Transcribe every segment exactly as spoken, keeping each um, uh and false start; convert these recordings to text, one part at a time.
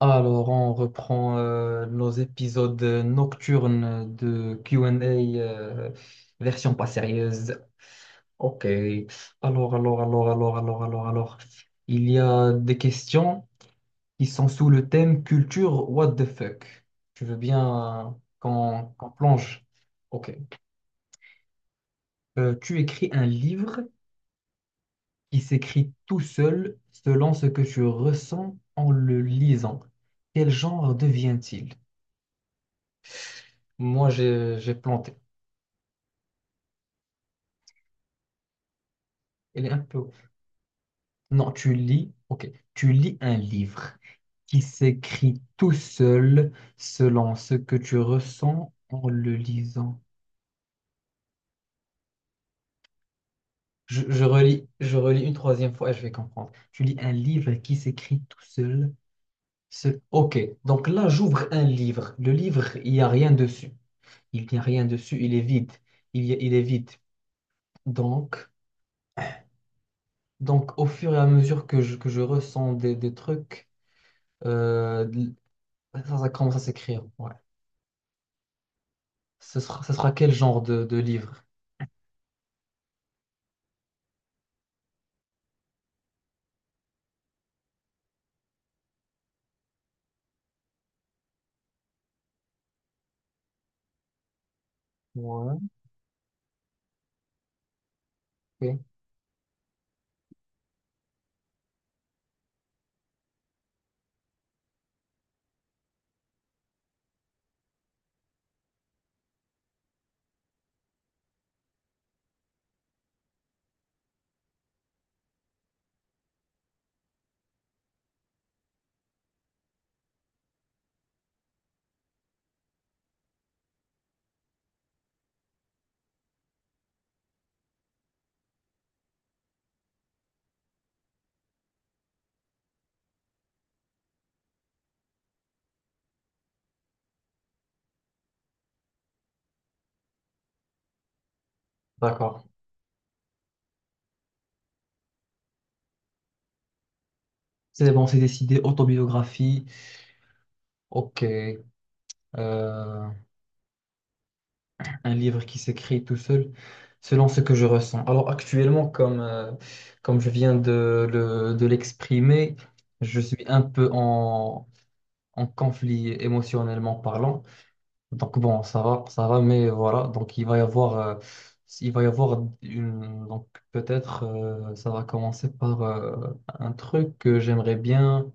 Alors, on reprend euh, nos épisodes nocturnes de Q et A euh, version pas sérieuse. Ok. Alors, alors, alors, alors, alors, alors, alors. Il y a des questions qui sont sous le thème culture what the fuck. Tu veux bien euh, qu'on qu'on plonge? Ok. Euh, tu écris un livre qui s'écrit tout seul selon ce que tu ressens en le lisant. Quel genre devient-il? Moi, j'ai j'ai planté. Elle est un peu... Non, tu lis, ok, tu lis un livre qui s'écrit tout seul selon ce que tu ressens en le lisant. Je, je relis, je relis une troisième fois et je vais comprendre. Tu lis un livre qui s'écrit tout seul. Ce... Ok, donc là, j'ouvre un livre. Le livre, il n'y a rien dessus. Il n'y a rien dessus, il est vide. Il, y a- il est vide. Donc, donc, au fur et à mesure que je, que je ressens des, des trucs, euh, ça, ça commence à s'écrire. Ouais. Ce sera, ce sera quel genre de, de livre? Ouais, ok. D'accord. C'est bon, c'est décidé. Autobiographie. Ok. Euh, un livre qui s'écrit tout seul, selon ce que je ressens. Alors actuellement, comme, euh, comme je viens de, le- de l'exprimer, je suis un peu en, en conflit émotionnellement parlant. Donc bon, ça va, ça va, mais voilà. Donc il va y avoir, euh, il va y avoir une, donc peut-être, euh, ça va commencer par euh, un truc que j'aimerais bien,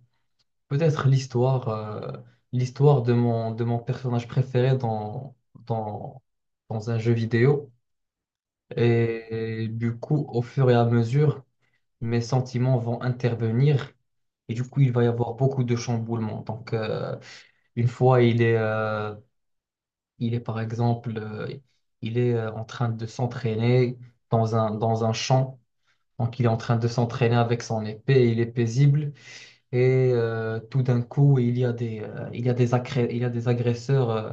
peut-être l'histoire, euh, l'histoire de mon, de mon personnage préféré dans, dans, dans un jeu vidéo. Et, du coup, au fur et à mesure, mes sentiments vont intervenir. Et du coup, il va y avoir beaucoup de chamboulements. Donc euh, une fois, il est, euh, il est par exemple, euh, il est euh, en train de s'entraîner dans un, dans un champ. Donc, il est en train de s'entraîner avec son épée, il est paisible. Et euh, tout d'un coup, il y a des, euh, il y a des, agré- il y a des agresseurs euh,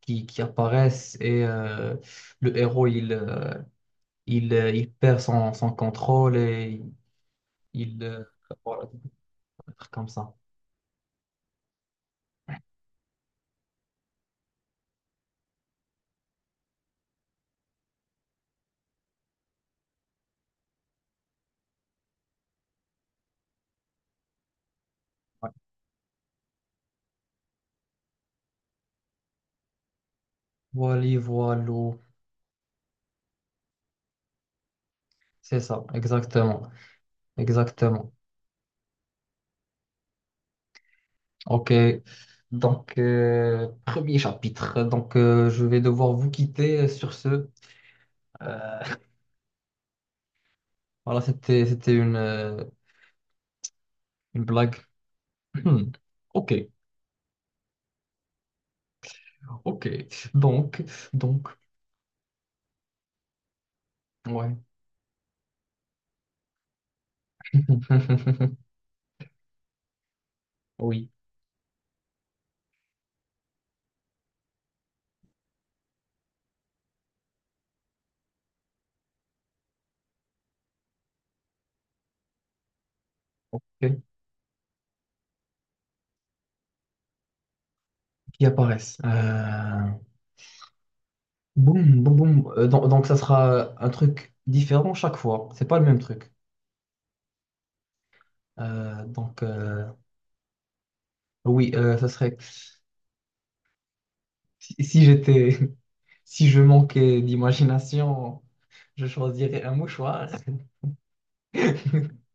qui, qui apparaissent et euh, le héros, il, euh, il, euh, il perd son, son contrôle et il... euh, voilà, un truc comme ça. Voilà, voilà, c'est ça, exactement. Exactement. Ok, donc euh, premier chapitre. Donc euh, je vais devoir vous quitter euh, sur ce. Euh, voilà, c'était c'était une, euh, une blague. Hmm. Ok, ok. Donc donc ouais. Oui. Ok. Qui apparaissent. Euh, Boum boum boum. Euh, donc, donc ça sera un truc différent chaque fois. C'est pas le même truc. Euh, donc euh, oui, euh, ça serait si, si j'étais Si je manquais d'imagination, je choisirais un mouchoir.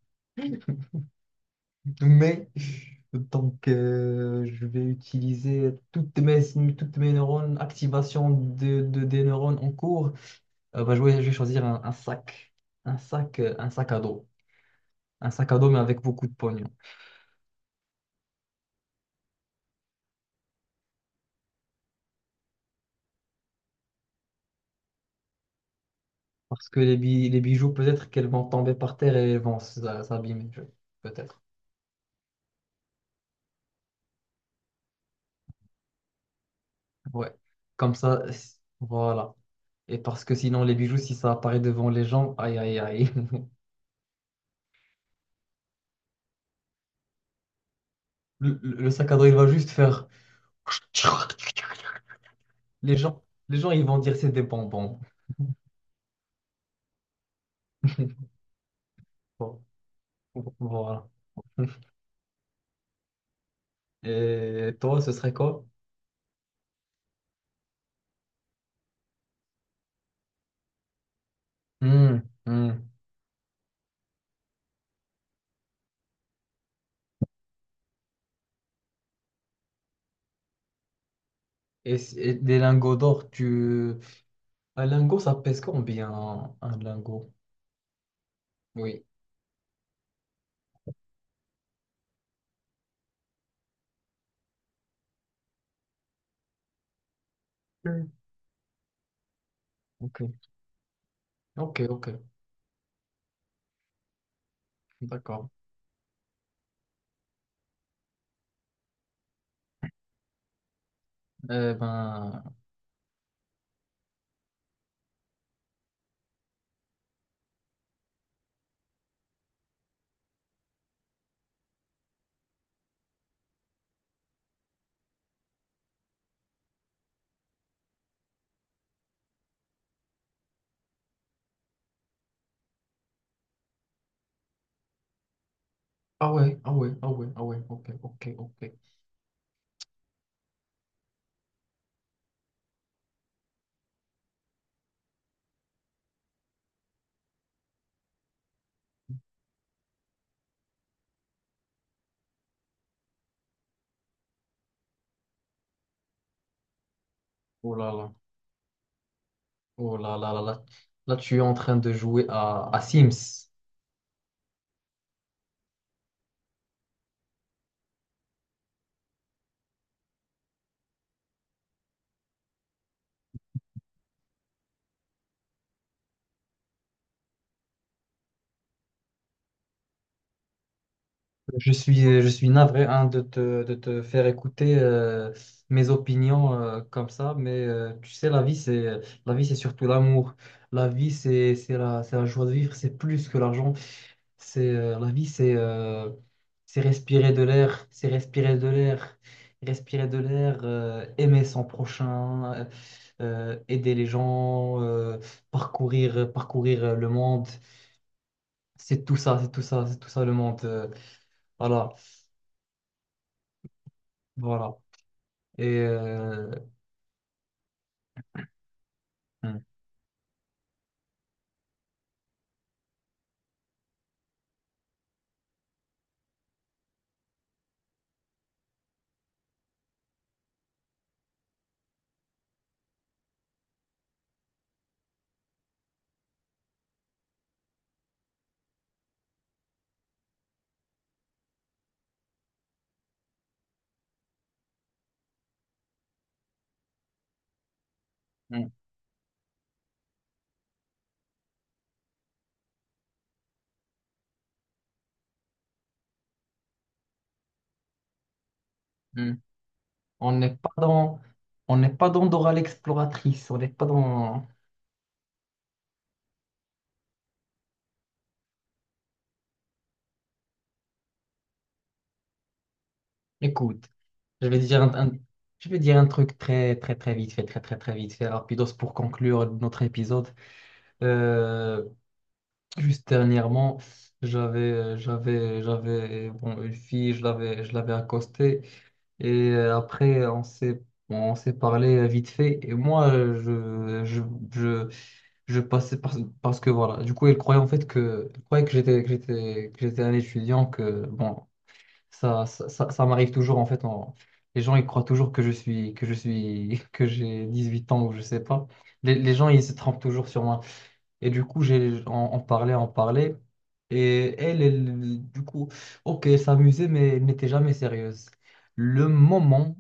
Mais donc, euh, je vais utiliser toutes mes, toutes mes neurones, activation de, de- des neurones en cours. Euh, bah, je vais, je vais choisir un, un sac, un sac, euh, un sac à dos, un sac à dos mais avec beaucoup de pognon. Parce que les, bi- les bijoux, peut-être qu'elles vont tomber par terre et elles vont s- s'abîmer, je- peut-être. Ouais. Comme ça, c- voilà. Et parce que sinon, les bijoux, si ça apparaît devant les gens, aïe, aïe, aïe. Le, le- le sac à dos, il va juste faire. Les gens, les gens, ils vont dire c'est des bonbons. Voilà. Et toi, ce serait quoi? Hmm, hmm. Et, c- et des lingots d'or, tu... Un lingot, ça pèse combien, un, un lingot? Oui. Hmm. Ok, ok, ok, d'accord. Eh ben... Ah ouais, ah ouais, ah ouais, ah ouais, ok, ok, ok. Oh là là. Oh là là là là, là tu es en train de jouer à, à Sims. Je suis, je suis navré hein, de te, de te faire écouter euh, mes opinions euh, comme ça, mais euh, tu sais, la vie, c'est, la vie, c'est surtout l'amour. La vie, c'est, c'est la, c'est la joie de vivre, c'est plus que l'argent. C'est, euh, la vie, c'est euh, c'est respirer de l'air, c'est respirer de l'air, respirer de l'air, euh, aimer son prochain, euh, euh, aider les gens, euh, parcourir, parcourir euh, le monde. C'est tout ça, c'est tout ça, c'est tout ça le monde. euh, voilà, voilà. Et euh, hum, hum, hum. on n'est pas dans, on n'est pas dans Dora l'exploratrice, on n'est pas dans. Écoute, je vais dire un, un- je vais dire un truc très, très, très vite fait, très, très, très vite fait, rapidos pour conclure notre épisode. Euh, Juste dernièrement, j'avais, j'avais, j'avais, bon, une fille, je l'avais, je l'avais accostée. Et euh, après, on s'est on s'est parlé euh, vite fait. Et moi, euh, je, je, je, je passais par- parce que voilà. Du coup, elle croyait en fait que, elle croyait que j'étais que j'étais que j'étais un étudiant. Que bon, ça ça, ça, ça m'arrive toujours en fait. on- les gens ils croient toujours que je suis que je suis que j'ai dix huit ans ou je sais pas. Les, les gens ils se trompent toujours sur moi. Et du coup, j'ai on, on parlait, on parlait. Et elle, elle, du coup, ok, elle s'amusait, mais elle n'était jamais sérieuse le moment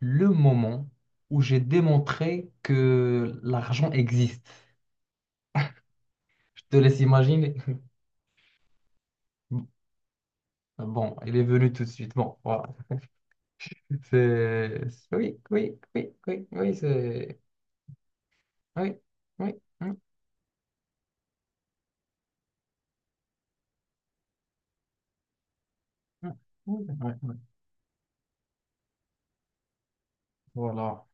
le moment où j'ai démontré que l'argent existe. Je te laisse imaginer. Bon, il est venu tout de suite. Bon, voilà. C'est... Oui, oui, oui, oui, oui, c'est... Oui, oui. oui, oui, oui, oui. oui, Voilà.